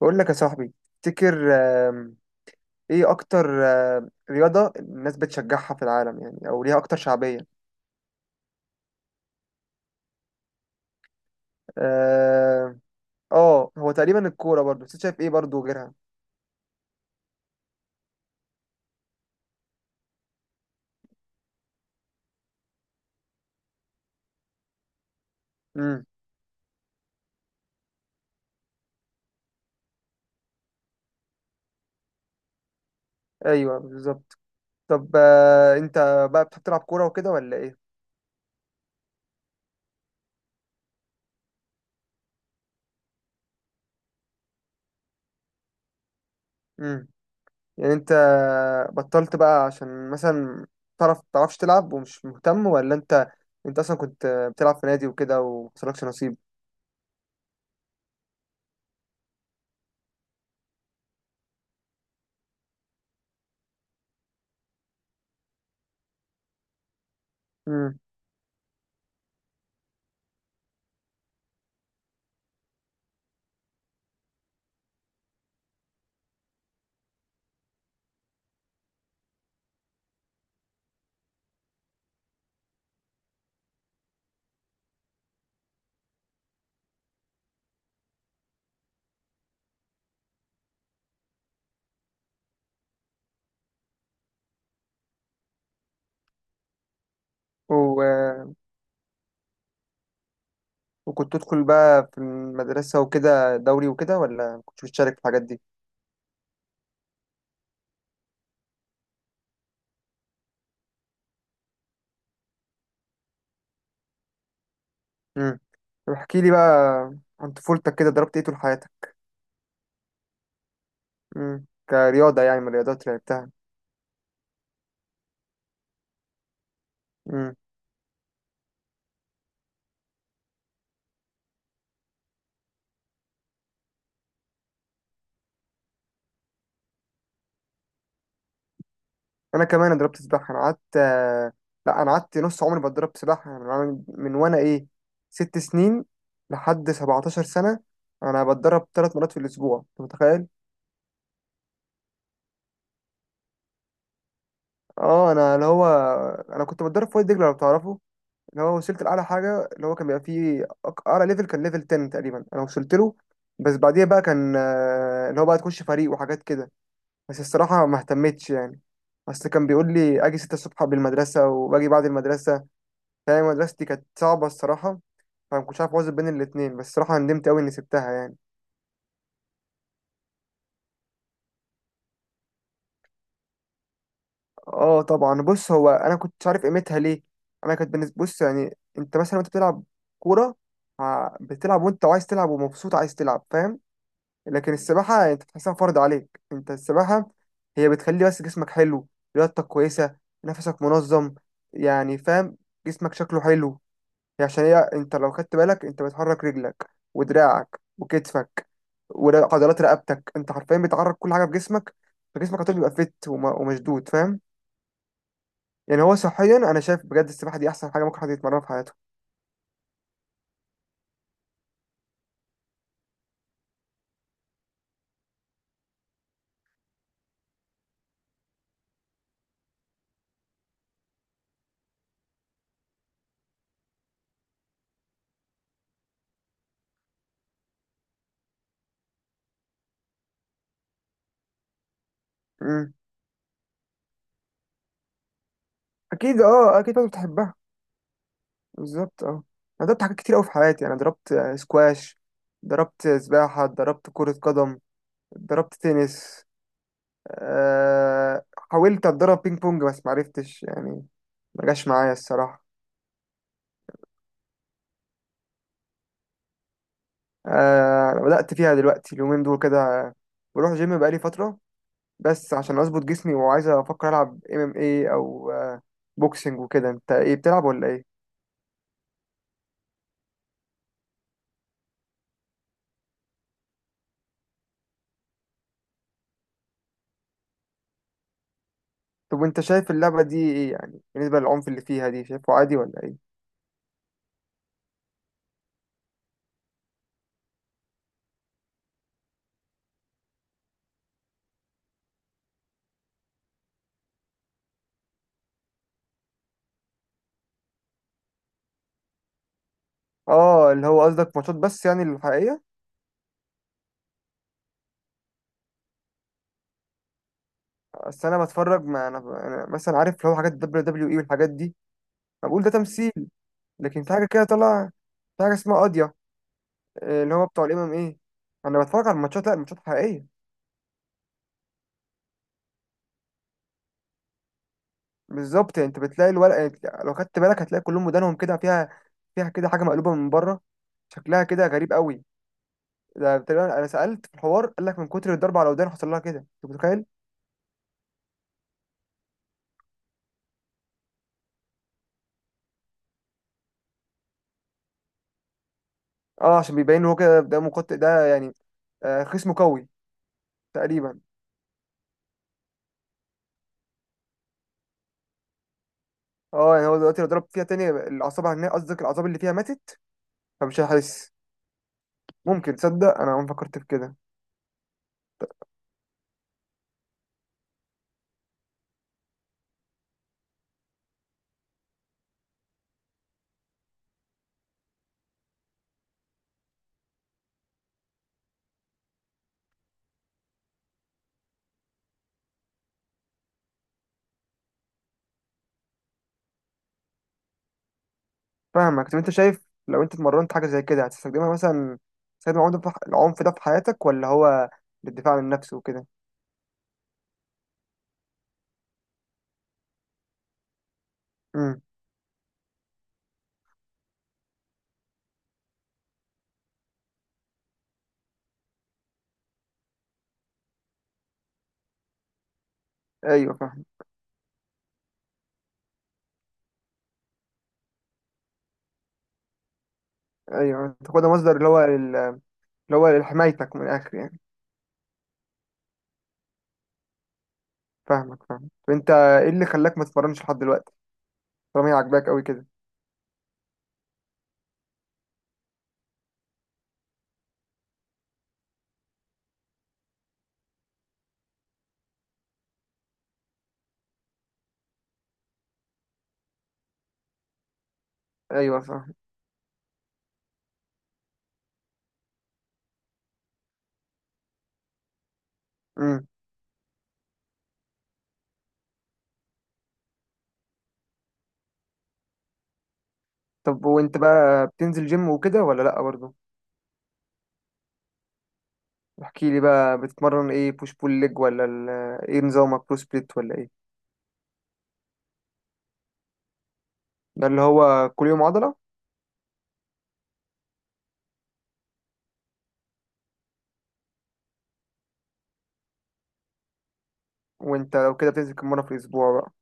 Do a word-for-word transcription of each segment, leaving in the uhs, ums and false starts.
بقول لك يا صاحبي، تفتكر، آم، ايه اكتر آم، رياضة الناس بتشجعها في العالم يعني، او ليها اكتر شعبية؟ اه. آه، هو تقريبا الكورة برضو، بس أنت شايف ايه برضو غيرها؟ امم. ايوه، بالظبط. طب، آه، انت بقى بتحب تلعب كورة وكده ولا ايه؟ امم. يعني انت بطلت بقى عشان مثلا تعرف تعرفش تلعب ومش مهتم، ولا انت انت اصلا كنت بتلعب في نادي وكده ومحصلكش نصيب؟ امم. وكنت تدخل بقى في المدرسة وكده دوري وكده، ولا ما كنتش بتشارك في الحاجات دي؟ امم. طب احكي لي بقى عن طفولتك كده، ضربت ايه طول حياتك؟ امم كرياضة يعني، من الرياضات اللي لعبتها. امم انا كمان ضربت سباحة. انا قعدت، آه، لا، انا قعدت نص عمري بتدرب سباحة. يعني من وأنا- من وانا ايه ست سنين لحد 17 سنة. انا بتدرب ثلاث مرات في الاسبوع، انت متخيل؟ اه، انا اللي هو انا كنت بتدرب في وادي دجلة لو تعرفه. اللي هو وصلت لأعلى حاجة، اللي هو كان بيبقى فيه أك- أعلى ليفل. كان ليفل عشرة تقريبا أنا وصلت له. بس بعديها بقى كان، آه، اللي هو بقى تخش فريق وحاجات كده، بس الصراحة ما اهتمتش يعني. أصل كان بيقول لي أجي ستة الصبح قبل المدرسة، وباجي بعد المدرسة. فاهم، مدرستي كانت صعبة الصراحة، فما كنتش عارف أوازن بين الاتنين. بس الصراحة ندمت أوي إني سبتها يعني. أه طبعا. بص، هو أنا كنتش عارف قيمتها ليه. أنا كانت بالنسبة، بص يعني، أنت مثلا وأنت بتلعب كورة، ع- بتلعب وأنت عايز تلعب، ومبسوط عايز تلعب، فاهم؟ لكن السباحة انت بتحسها فرض عليك. انت السباحة هي بتخلي بس جسمك حلو، رياضتك كويسة، نفسك منظم، يعني فاهم، جسمك شكله حلو. هي عشان هي، انت لو خدت بالك انت بتحرك رجلك ودراعك وكتفك وعضلات رقبتك. انت حرفيا بتحرك كل حاجة في جسمك. فجسمك هتبقى بيبقى فت وم- ومشدود، فاهم؟ يعني هو صحيا انا شايف بجد السباحة دي احسن حاجة ممكن حد يتمرنها في حياته. امم. اكيد، اه اكيد، انت بتحبها. بالظبط، اه. انا ضربت حاجات كتير قوي في حياتي. انا ضربت، آه، سكواش، ضربت سباحة، ضربت كرة قدم، ضربت تنس. أه. حاولت اتدرب بينج بونج بس معرفتش يعني، ما جاش معايا الصراحة. أه بدأت فيها دلوقتي، اليومين دول كده بروح جيم بقالي فترة. بس عشان اظبط جسمي، وعايز افكر العب ام ام اي او آه، بوكسنج وكده. انت ايه بتلعب ولا ايه؟ طب وانت شايف اللعبة دي ايه يعني بالنسبة للعنف اللي فيها دي، شايفه عادي ولا ايه؟ اه، اللي هو قصدك ماتشات بس يعني الحقيقية. بس انا بتفرج، ما انا، أنا مثلا عارف لو حاجات دبليو دبليو اي والحاجات دي، ما بقول ده تمثيل. لكن في حاجه كده طلع، في حاجه اسمها قاضيه، آه، اللي هو بتوع الام ام ايه. انا بتفرج على الماتشات، لا، الماتشات حقيقيه. بالظبط، يعني انت بتلاقي الورق، يعني لو خدت بالك هتلاقي كلهم ودانهم كده فيها، فيها كده حاجه مقلوبه من بره، شكلها كده غريب قوي. ده تقريبا انا سالت في الحوار، قال لك من كتر الضرب على ودان حصل لها كده، انت متخيل؟ اه عشان بيبين هو كده، ده مقاتل ده يعني، آه، خصمه قوي. تقريبا. اه يعني هو دلوقتي لو ضرب فيها تاني، الاعصاب هناك قصدك، الاعصاب اللي فيها ماتت. فمش هتحس. ممكن تصدق انا عمري ما فكرت في كده. فاهمك. طب انت شايف لو انت اتمرنت حاجه زي كده هتستخدمها مثلا؟ تستخدم العنف ده في العنف ده في حياتك، ولا هو للدفاع عن النفس وكده؟ امم. ايوه فاهم. ايوه تاخدها مصدر، اللي هو لل- اللي هو لحمايتك من الاخر يعني. فاهمك، فاهم. طب انت ايه اللي خلاك ما تتمرنش لحد دلوقتي، طالما هي عاجباك قوي كده؟ ايوه فاهم. امم. طب وانت بقى بتنزل جيم وكده ولا لا برضه؟ احكي لي بقى، بتتمرن ايه، بوش بول ليج ولا ال- ايه نظامك، برو سبليت ولا ايه؟ ده اللي هو كل يوم عضلة. وانت لو كده بتنزل كم مرة في الأسبوع بقى؟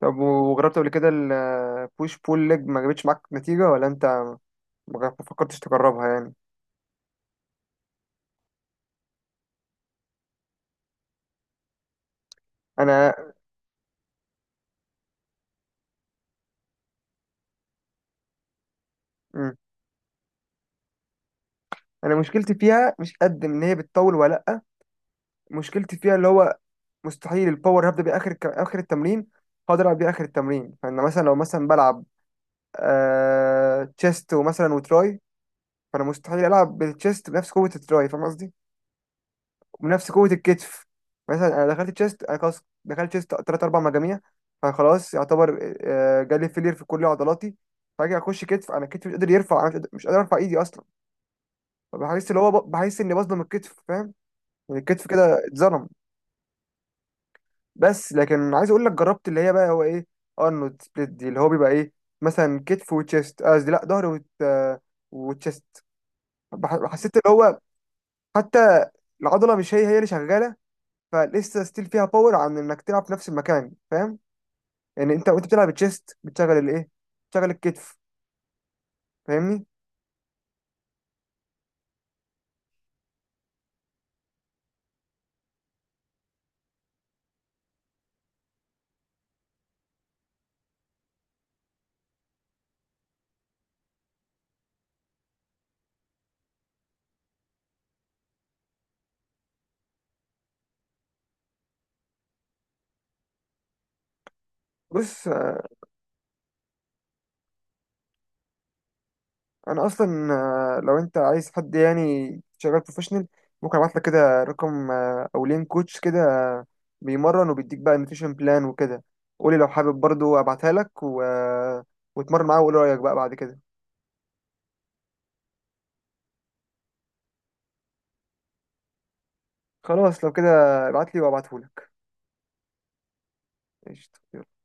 طب وجربت قبل كده البوش بول ليج، ما جابتش معاك نتيجة، ولا انت ما جربت- ما فكرتش تجربها يعني؟ انا مم. انا مشكلتي فيها مش قد ان هي بتطول ولا لأ. مشكلتي فيها اللي هو مستحيل الباور هبدأ بيه آخر الك- آخر التمرين هقدر ألعب بيه آخر التمرين. فأنا مثلا، لو مثلا بلعب آه... تشيست ومثلا وتراي، فأنا مستحيل ألعب بالتشيست بنفس قوة التراي، فاهم قصدي؟ ونفس قوة الكتف. مثلا أنا دخلت تشيست، أنا خلاص دخلت تشيست تلات أربع مجاميع، فخلاص يعتبر آه، جالي فيلير في كل عضلاتي. فأجي أخش كتف أنا كتفي مش قادر يرفع، أنا مش قادر مش قادر أرفع إيدي أصلا. فبحس اللي هو ب- بحس إني بظلم الكتف، فاهم؟ يعني الكتف كده اتظلم. بس لكن عايز أقول لك جربت اللي هي بقى هو إيه، أرنولد سبليت دي، اللي هو بيبقى إيه، مثلا كتف وتشيست، قصدي لأ، ظهر وت... وتشيست. بح- حسيت اللي هو حتى العضلة مش هي هي اللي شغالة. فلسه ستيل فيها باور عن انك تلعب في نفس المكان، فاهم؟ يعني انت وانت بتلعب تشيست بتشغل الايه، بتشغل الكتف، فاهمني؟ بص، آه، انا اصلا آه، لو انت عايز حد يعني شغال بروفيشنال، ممكن ابعت لك كده رقم، آه، او لين كوتش كده، آه، بيمرن وبيديك بقى نوتريشن بلان وكده. قولي لو حابب برضو ابعتها لك، و... آه، واتمرن معاه وقول رايك بقى بعد كده. خلاص لو كده، ابعت لي وابعته لك. قشطة.